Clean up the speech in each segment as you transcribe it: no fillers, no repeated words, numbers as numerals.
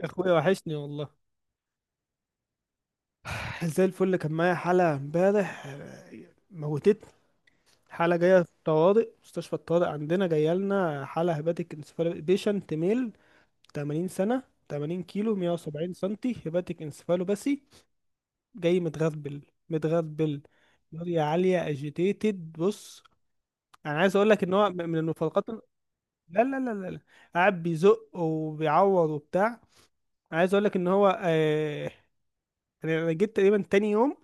يا اخويا، وحشني والله. زي الفل. كان معايا حالة امبارح موتتني. حالة جاية في الطوارئ، مستشفى الطوارئ عندنا، جاية لنا حالة هيباتيك انسفالو بيشنت ميل 80 سنة، 80 كيلو، 170 سنتي، هيباتيك انسفالو باسي. جاي متغربل، متغربل. نوريا عالية، اجيتيتد. بص، انا عايز اقول لك ان هو من المفارقات. لا لا لا لا لا. قاعد بيزق وبيعور وبتاع. عايز اقول لك ان هو يعني انا جيت تقريبا تاني يوم.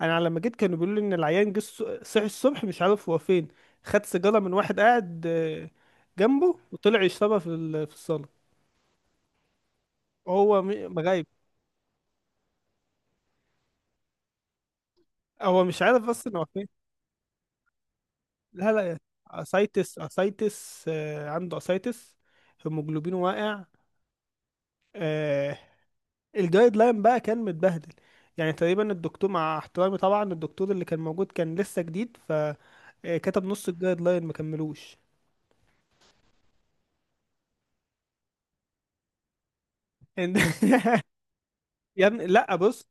انا لما جيت كانوا بيقولوا لي ان العيان جه، صحي الصبح مش عارف هو فين. خد سيجاره من واحد قاعد جنبه، وطلع يشربها في الصاله، وهو مغايب. هو مش عارف اصلا هو فين. لا لا، اسايتس، اسايتس، عنده اسايتس. هيموجلوبينه واقع. آه، الجايد لاين بقى كان متبهدل. يعني تقريبا الدكتور، مع احترامي طبعا، الدكتور اللي كان موجود كان لسه جديد، ف كتب نص الجايد لاين، ما كملوش. يا ابني، لا، بص.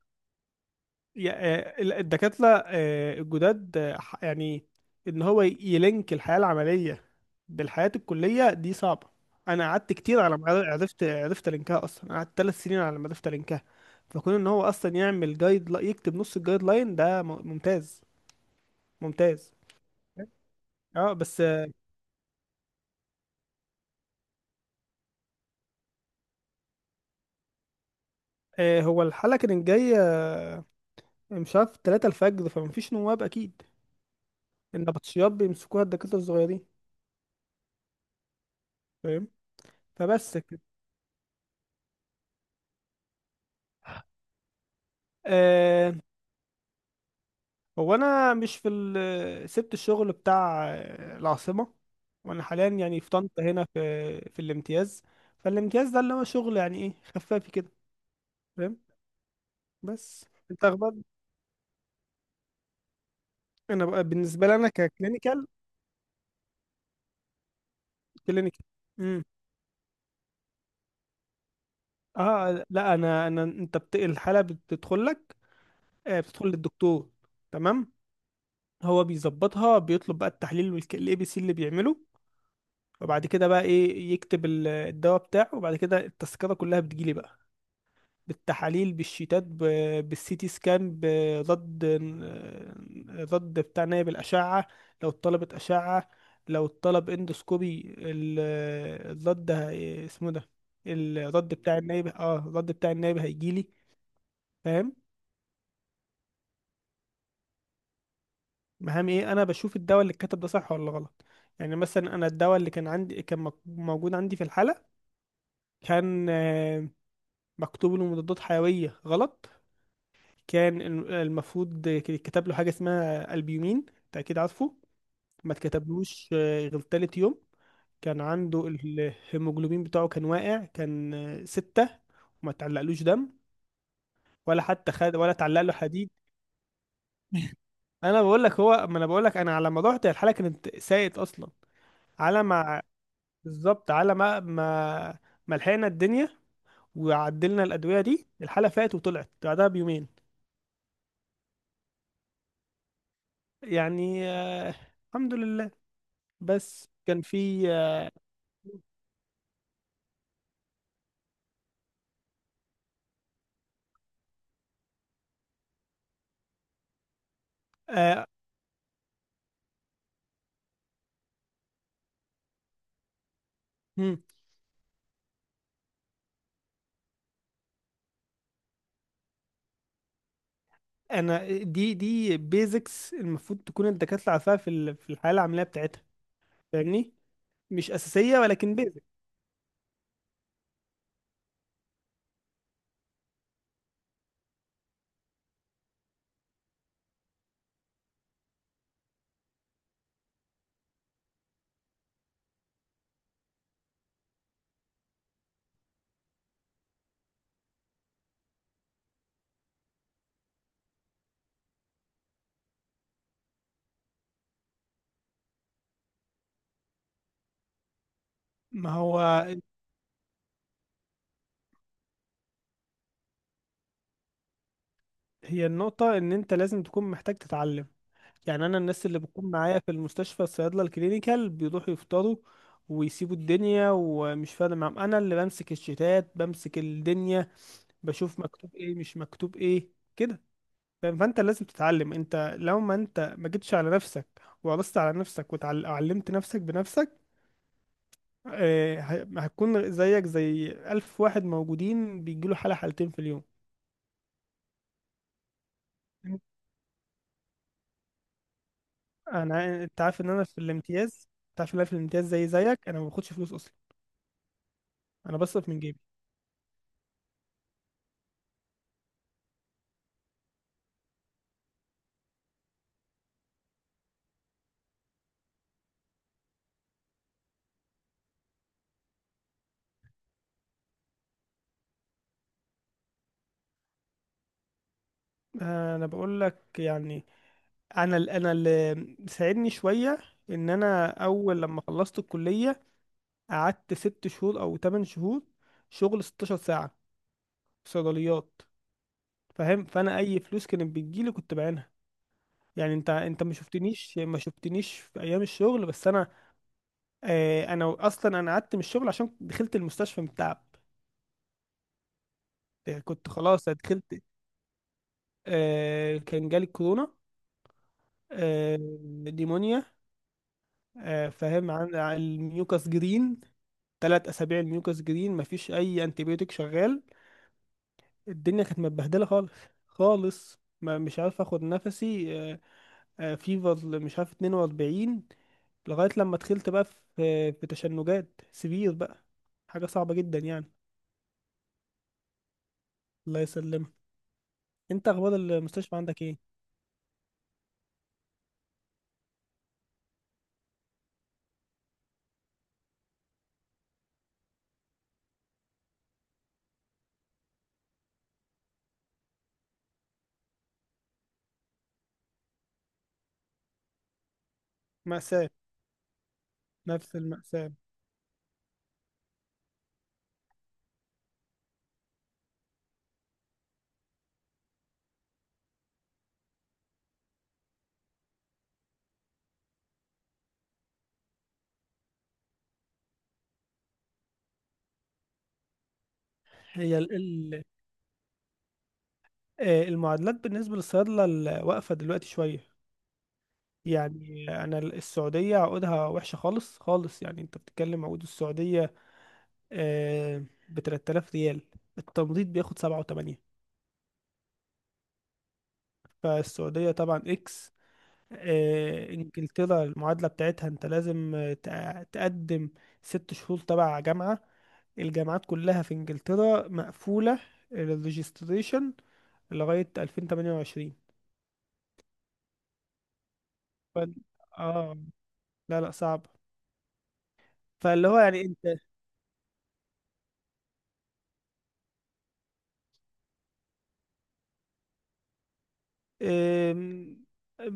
الدكاترة الجداد يعني ان هو يلينك الحياة العملية بالحياة الكلية دي صعبة. انا قعدت كتير على ما عرفت لينكها اصلا. أنا قعدت 3 سنين على ما عرفت لينكها. فكون ان هو اصلا يعمل جايد يكتب نص الجايد لاين ده ممتاز، ممتاز. اه، بس هو الحلقة كانت جاية مش عارف 3 الفجر، فمفيش نواب اكيد. النبطشيات بيمسكوها الدكاترة الصغيرين، فاهم. فبس كده. آه، هو انا مش في سبت الشغل بتاع العاصمه، وانا حاليا يعني في طنطا، هنا في الامتياز. فالامتياز ده اللي هو شغل يعني ايه، خفافي كده، فاهم. بس انت اخبار. انا بقى بالنسبه لي، انا ككلينيكال، كلينيكال امم اه لا، انا انت الحاله بتدخل لك، بتدخل للدكتور، تمام. هو بيظبطها، بيطلب بقى التحليل والاي بي سي اللي بيعمله. وبعد كده بقى ايه يكتب الدواء بتاعه. وبعد كده التذكره كلها بتجيلي بقى، بالتحاليل، بالشيتات، بالسيتي سكان، ضد بتاع نايب الأشعة. لو اتطلبت أشعة، لو اتطلب اندوسكوبي، الضد، اسمه ده الضد بتاع النايب، الضد بتاع النايب هيجيلي، فاهم. مهم ايه، انا بشوف الدواء اللي الكاتب ده صح ولا غلط. يعني مثلا، انا الدواء اللي كان عندي كان موجود عندي في الحالة. كان مكتوب له مضادات حيوية غلط. كان المفروض اتكتب له حاجة اسمها البيومين، انت اكيد عارفه. ما اتكتبلوش غير تالت يوم. كان عنده الهيموجلوبين بتاعه كان واقع، كان ستة. وما تعلقلوش دم، ولا حتى خد ولا تعلق له حديد. انا بقول لك هو، ما انا بقول لك، انا على ما رحت الحاله كانت ساقط اصلا. على ما، بالظبط، على ما ما لحقنا الدنيا وعدلنا الادويه دي، الحاله فاتت وطلعت بعدها بيومين. يعني، الحمد لله. بس كان في آه مم. انا دي بيزكس المفروض تكون الدكاتره عارفاها في الحياه العمليه بتاعتها، فاهمني. مش اساسيه ولكن بيزك. ما هو، هي النقطه ان انت لازم تكون محتاج تتعلم. يعني انا الناس اللي بتكون معايا في المستشفى، الصيادله الكلينيكال، بيروحوا يفطروا ويسيبوا الدنيا، ومش فارق معاهم. انا اللي بمسك الشتات، بمسك الدنيا، بشوف مكتوب ايه مش مكتوب ايه، كده، فاهم؟ فانت لازم تتعلم. انت لو ما انت ما جيتش على نفسك وقرصت على نفسك وعلمت نفسك بنفسك، هتكون زيك زي ألف واحد موجودين بيجيله حالة، حالتين في اليوم. انت عارف ان انا في الامتياز، انت عارف ان انا في الامتياز، زي زيك، انا ما باخدش فلوس اصلا. انا بصرف من جيبي. انا بقول لك يعني، انا اللي ساعدني شويه ان انا اول لما خلصت الكليه قعدت 6 شهور او 8 شهور، شغل 16 ساعه في صيدليات، فاهم. فانا اي فلوس كانت بتجيلي كنت بعينها. يعني انت ما شفتنيش، ما شفتنيش في ايام الشغل. بس انا انا اصلا انا قعدت من الشغل عشان دخلت المستشفى من التعب. يعني كنت خلاص دخلت. كان جالي كورونا، آه نيمونيا، فاهم، عن الميوكاس جرين. 3 اسابيع الميوكاس جرين، مفيش اي انتيبيوتيك شغال. الدنيا كانت متبهدله خالص، خالص. ما مش عارف اخد نفسي. فيفر مش عارف 42. لغاية لما دخلت بقى، في تشنجات سرير بقى، حاجة صعبة جدا يعني. الله يسلمك. انت اخبار المستشفى عندك ايه؟ مأساة، نفس المأساة. هي ال ال آه، المعادلات بالنسبة للصيادلة واقفة دلوقتي شوية. يعني انا السعودية عقودها وحشة خالص، خالص. يعني انت بتتكلم عقود السعودية ب 3000 ريال، التمريض بياخد 7 و8. فالسعودية طبعا اكس. انجلترا، المعادلة بتاعتها انت لازم تقدم ست شهور تبع جامعة. الجامعات كلها في انجلترا مقفولة للريجستريشن لغاية 2028. ف... اه، لا لا، صعب. فاللي هو يعني انت، آم،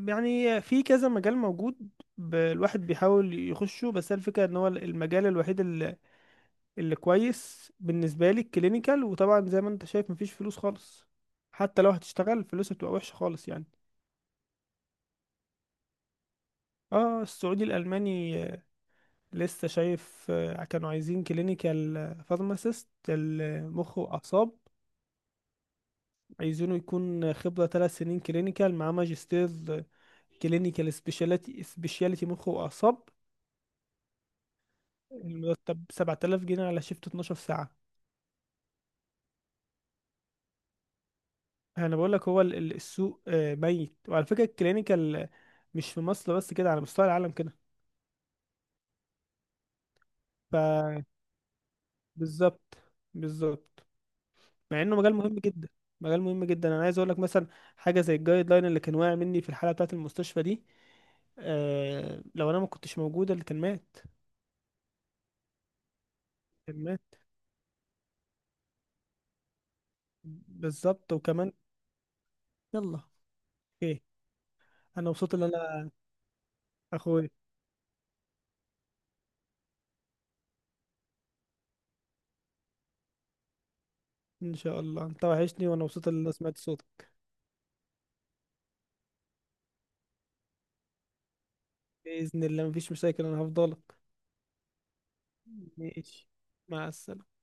يعني في كذا مجال موجود. الواحد بيحاول يخشه، بس هي الفكرة ان هو المجال الوحيد اللي كويس بالنسبة لي الكلينيكال. وطبعا زي ما انت شايف، مفيش فلوس خالص. حتى لو هتشتغل فلوسها بتبقى وحشة خالص، يعني. اه، السعودي الألماني لسه شايف كانوا عايزين كلينيكال فارماسيست المخ وأعصاب. عايزينه يكون خبرة 3 سنين كلينيكال مع ماجستير كلينيكال سبيشاليتي، سبيشاليتي مخ وأعصاب. المرتب 7000 جنيه على شيفت 12 ساعة. انا بقول لك، هو السوق ميت. وعلى فكره، الكلينيكال مش في مصر بس كده، على مستوى العالم كده. ف بالظبط، بالظبط. مع انه مجال مهم جدا، مجال مهم جدا. انا عايز اقول لك مثلا، حاجه زي الجايد لاين اللي كان واقع مني في الحاله بتاعه المستشفى دي، لو انا ما كنتش موجوده اللي كان مات، كان مات. بالظبط، وكمان. يلا، اوكي. انا مبسوط ان انا، اخوي، ان شاء الله، انت وحشني، وانا مبسوط ان انا سمعت صوتك. باذن الله، مفيش مشاكل، انا هفضلك. ماشي، مع السلامه.